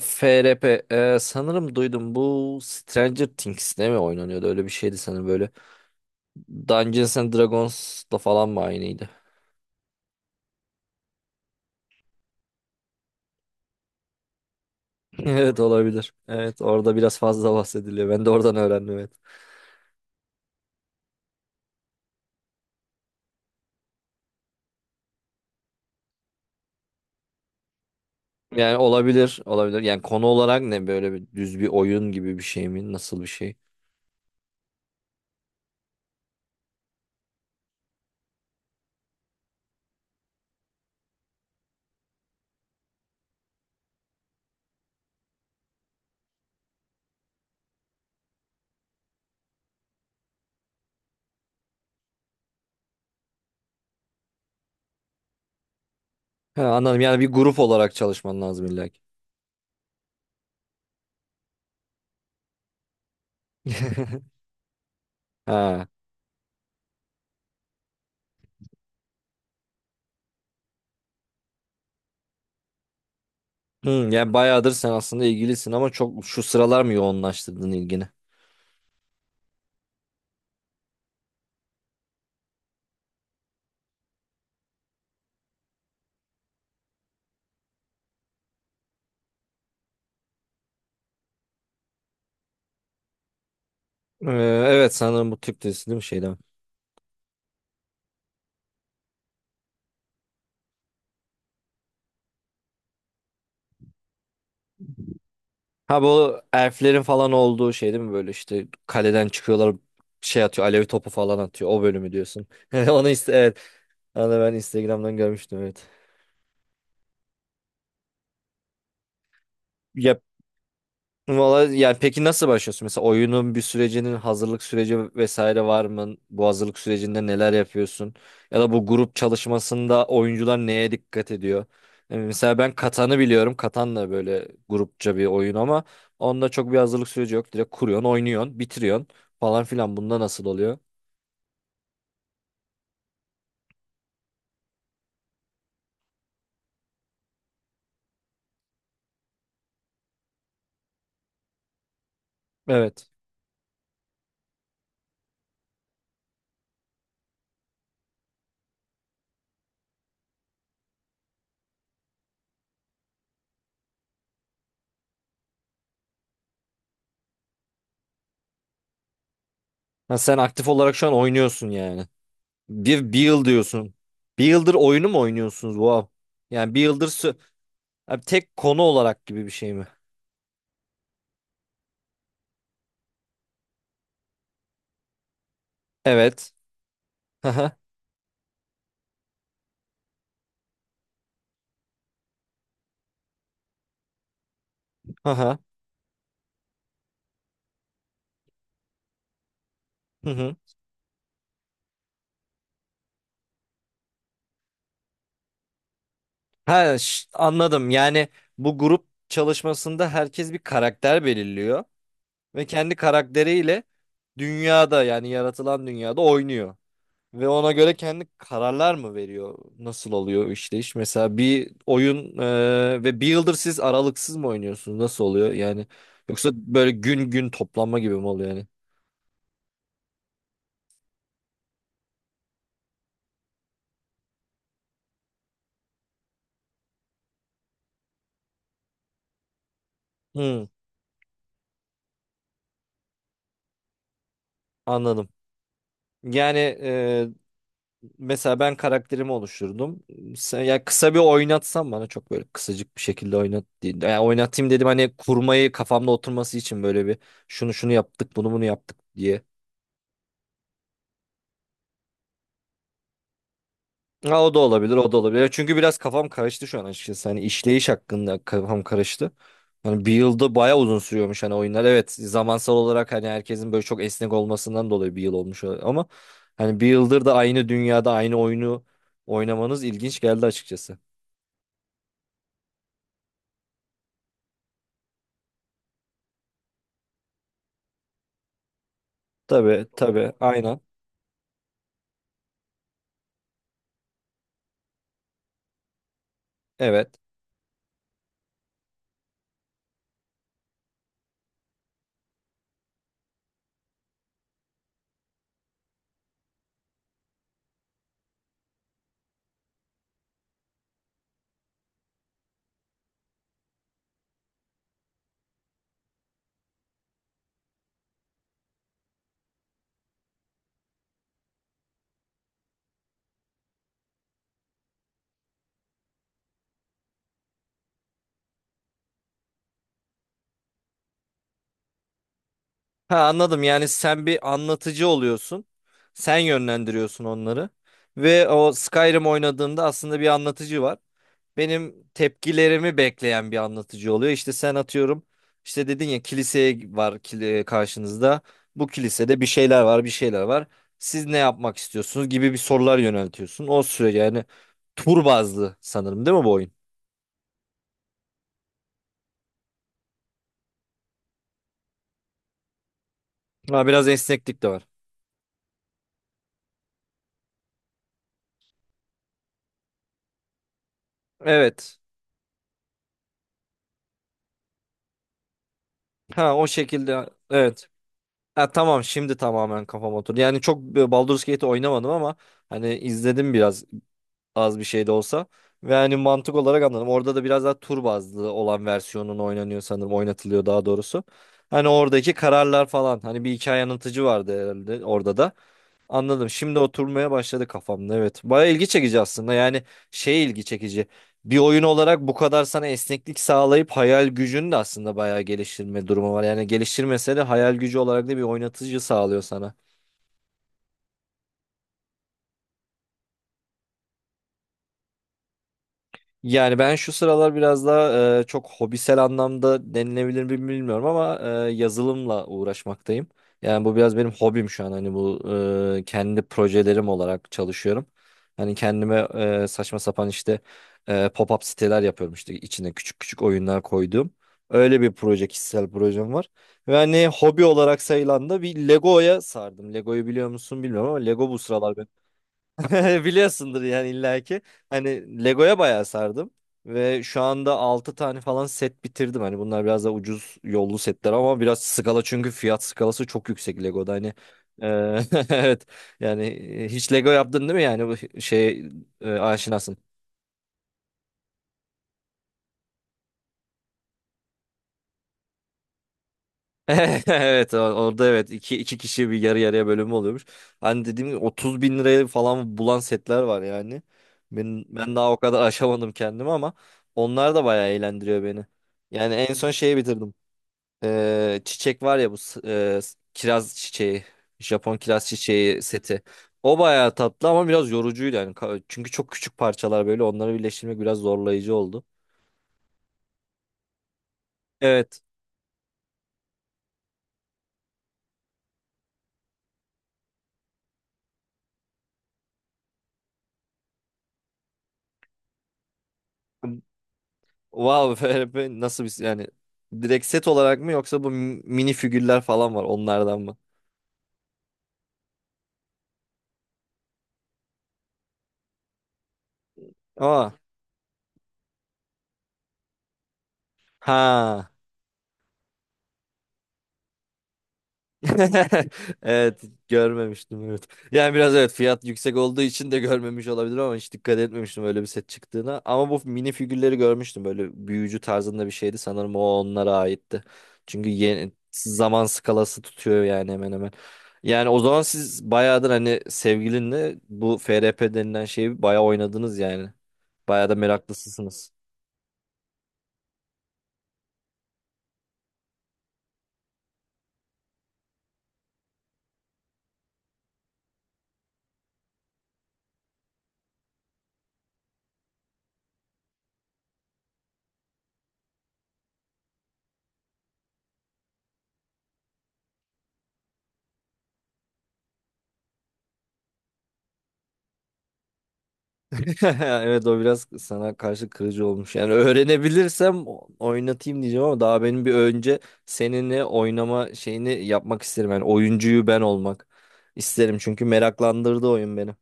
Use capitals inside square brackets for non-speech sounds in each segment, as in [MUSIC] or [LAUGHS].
FRP sanırım duydum bu Stranger Things'te mi oynanıyordu, öyle bir şeydi sanırım, böyle Dungeons and Dragons'la falan mı aynıydı? [LAUGHS] Evet, olabilir. Evet, orada biraz fazla bahsediliyor. Ben de oradan öğrendim, evet. Yani olabilir olabilir. Yani konu olarak ne, böyle bir düz bir oyun gibi bir şey mi? Nasıl bir şey? Ha, anladım, yani bir grup olarak çalışman lazım illa ki. [LAUGHS] Ha. Hı, yani bayağıdır sen aslında ilgilisin ama çok şu sıralar mı yoğunlaştırdın ilgini? Ee, evet, sanırım bu Türk dizisi değil mi şeyden? Ha, bu elflerin falan olduğu şey değil mi, böyle işte kaleden çıkıyorlar, şey atıyor, alev topu falan atıyor o bölümü diyorsun. [LAUGHS] Onu iste, evet, onu da ben Instagram'dan görmüştüm, evet. Ya, valla yani, peki nasıl başlıyorsun? Mesela oyunun bir sürecinin hazırlık süreci vesaire var mı? Bu hazırlık sürecinde neler yapıyorsun? Ya da bu grup çalışmasında oyuncular neye dikkat ediyor? Yani mesela ben Katan'ı biliyorum. Katan da böyle grupça bir oyun ama onda çok bir hazırlık süreci yok. Direkt kuruyorsun, oynuyorsun, bitiriyorsun falan filan. Bunda nasıl oluyor? Evet. Ha, sen aktif olarak şu an oynuyorsun yani. Bir yıl diyorsun. Bir yıldır oyunu mu oynuyorsunuz? Wow. Yani bir yıldır. Abi, tek konu olarak gibi bir şey mi? Evet. Haha. Haha. Hı hı. Hı hı. Ha, anladım. Yani bu grup çalışmasında herkes bir karakter belirliyor ve kendi karakteriyle dünyada, yani yaratılan dünyada oynuyor. Ve ona göre kendi kararlar mı veriyor? Nasıl oluyor işte iş? Mesela bir oyun, ve bir yıldır siz aralıksız mı oynuyorsunuz? Nasıl oluyor? Yani yoksa böyle gün gün toplanma gibi mi oluyor yani? Hı, anladım. Yani, mesela ben karakterimi oluşturdum. Ya kısa bir oynatsam bana, çok böyle kısacık bir şekilde oynat değil. Yani oynatayım dedim, hani kurmayı kafamda oturması için, böyle bir şunu şunu yaptık, bunu bunu yaptık diye. Ha, o da olabilir, o da olabilir. Çünkü biraz kafam karıştı şu an açıkçası. Hani işleyiş hakkında kafam karıştı. Hani bir yılda bayağı uzun sürüyormuş hani oyunlar. Evet, zamansal olarak hani herkesin böyle çok esnek olmasından dolayı bir yıl olmuş olabilir, ama hani bir yıldır da aynı dünyada aynı oyunu oynamanız ilginç geldi açıkçası. Tabii tabii, aynen. Evet. Ha, anladım. Yani sen bir anlatıcı oluyorsun. Sen yönlendiriyorsun onları. Ve o Skyrim oynadığında aslında bir anlatıcı var. Benim tepkilerimi bekleyen bir anlatıcı oluyor. İşte sen atıyorum, işte dedin ya, kiliseye var karşınızda. Bu kilisede bir şeyler var, bir şeyler var. Siz ne yapmak istiyorsunuz gibi bir sorular yöneltiyorsun. O sürece, yani tur bazlı sanırım değil mi bu oyun? Ha, biraz esneklik de var. Evet. Ha, o şekilde. Evet. Ha, tamam, şimdi tamamen kafam oturdu. Yani çok Baldur's Gate oynamadım ama hani izledim biraz, az bir şey de olsa. Ve hani mantık olarak anladım. Orada da biraz daha tur bazlı olan versiyonun oynanıyor sanırım. Oynatılıyor daha doğrusu. Hani oradaki kararlar falan. Hani bir hikaye anlatıcı vardı herhalde orada da. Anladım. Şimdi oturmaya başladı kafamda. Evet. Baya ilgi çekici aslında. Yani şey, ilgi çekici. Bir oyun olarak bu kadar sana esneklik sağlayıp hayal gücünü de aslında bayağı geliştirme durumu var. Yani geliştirmese de hayal gücü olarak da bir oynatıcı sağlıyor sana. Yani ben şu sıralar biraz daha çok hobisel anlamda denilebilir mi bilmiyorum ama yazılımla uğraşmaktayım. Yani bu biraz benim hobim şu an. Hani bu kendi projelerim olarak çalışıyorum. Hani kendime saçma sapan, işte pop-up siteler yapıyorum, işte içine küçük küçük oyunlar koyduğum. Öyle bir proje, kişisel projem var. Ve hani hobi olarak sayılan da bir Lego'ya sardım. Lego'yu biliyor musun bilmiyorum ama Lego bu sıralar [LAUGHS] biliyorsundur yani illaki. Hani Lego'ya bayağı sardım. Ve şu anda 6 tane falan set bitirdim. Hani bunlar biraz da ucuz yollu setler ama biraz skala, çünkü fiyat skalası çok yüksek Lego'da. Hani e, [LAUGHS] evet yani, hiç Lego yaptın değil mi, yani bu şey, aşinasın. [LAUGHS] Evet, orada, evet, iki kişi bir yarı yarıya bölümü oluyormuş. Hani dediğim gibi 30 bin liraya falan bulan setler var yani. Ben daha o kadar [LAUGHS] aşamadım kendimi ama onlar da bayağı eğlendiriyor beni. Yani en son şeyi bitirdim. Çiçek var ya, bu kiraz çiçeği. Japon kiraz çiçeği seti. O bayağı tatlı ama biraz yorucuydu yani. Çünkü çok küçük parçalar, böyle onları birleştirmek biraz zorlayıcı oldu. Evet. Wow, [LAUGHS] FRP nasıl bir yani, direkt set olarak mı, yoksa bu mini figürler falan var, onlardan mı? Aa. Ha. [LAUGHS] Evet, görmemiştim, evet. Yani biraz, evet, fiyat yüksek olduğu için de görmemiş olabilir ama hiç dikkat etmemiştim öyle bir set çıktığına. Ama bu mini figürleri görmüştüm, böyle büyücü tarzında bir şeydi sanırım, o onlara aitti. Çünkü yeni, zaman skalası tutuyor yani hemen hemen. Yani o zaman siz bayağıdır hani sevgilinle bu FRP denilen şeyi bayağı oynadınız yani. Bayağı da meraklısınız. [LAUGHS] Evet, o biraz sana karşı kırıcı olmuş. Yani öğrenebilirsem oynatayım diyeceğim ama daha benim bir önce seninle oynama şeyini yapmak isterim. Yani oyuncuyu ben olmak isterim, çünkü meraklandırdı oyun beni.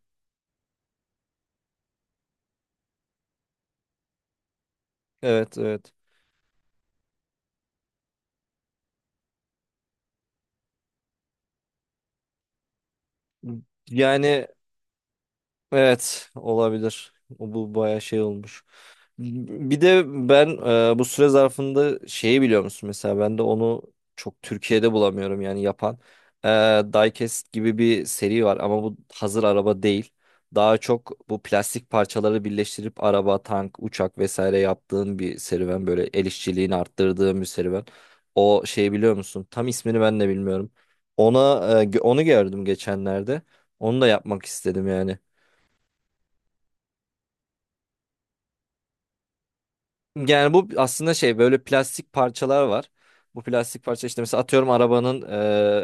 Evet evet. Yani, evet, olabilir. O bu bayağı şey olmuş. Bir de ben bu süre zarfında şeyi biliyor musun, mesela ben de onu çok Türkiye'de bulamıyorum yani yapan. E, Diecast gibi bir seri var ama bu hazır araba değil. Daha çok bu plastik parçaları birleştirip araba, tank, uçak vesaire yaptığın bir serüven. Böyle el işçiliğini arttırdığın bir serüven. O şeyi biliyor musun? Tam ismini ben de bilmiyorum. Ona onu gördüm geçenlerde. Onu da yapmak istedim yani. Yani bu aslında şey, böyle plastik parçalar var. Bu plastik parça, işte mesela atıyorum, arabanın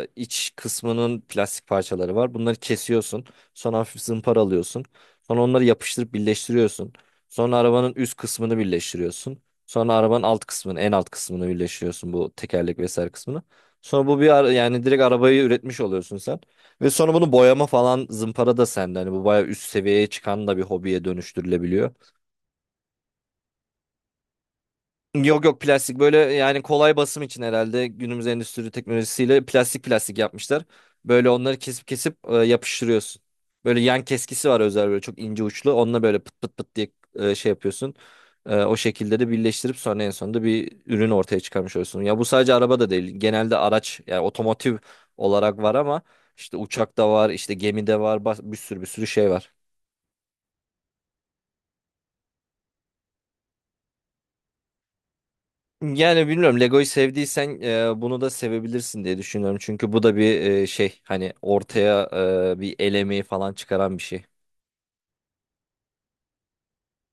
iç kısmının plastik parçaları var. Bunları kesiyorsun. Sonra hafif zımparalıyorsun. Sonra onları yapıştırıp birleştiriyorsun. Sonra arabanın üst kısmını birleştiriyorsun. Sonra arabanın alt kısmını, en alt kısmını birleştiriyorsun, bu tekerlek vesaire kısmını. Sonra bu bir ara, yani direkt arabayı üretmiş oluyorsun sen. Ve sonra bunu boyama falan, zımpara da sende. Hani bu bayağı üst seviyeye çıkan da bir hobiye dönüştürülebiliyor. Yok yok, plastik, böyle yani kolay basım için herhalde günümüz endüstri teknolojisiyle plastik plastik yapmışlar. Böyle onları kesip kesip yapıştırıyorsun. Böyle yan keskisi var, özel böyle çok ince uçlu. Onunla böyle pıt pıt pıt diye şey yapıyorsun. O şekilde de birleştirip sonra en sonunda bir ürün ortaya çıkarmış oluyorsun. Ya bu sadece araba da değil. Genelde araç, yani otomotiv olarak var ama işte uçak da var, işte gemi de var, bir sürü bir sürü şey var. Yani bilmiyorum, Lego'yu sevdiysen bunu da sevebilirsin diye düşünüyorum. Çünkü bu da bir şey, hani ortaya bir el emeği falan çıkaran bir şey.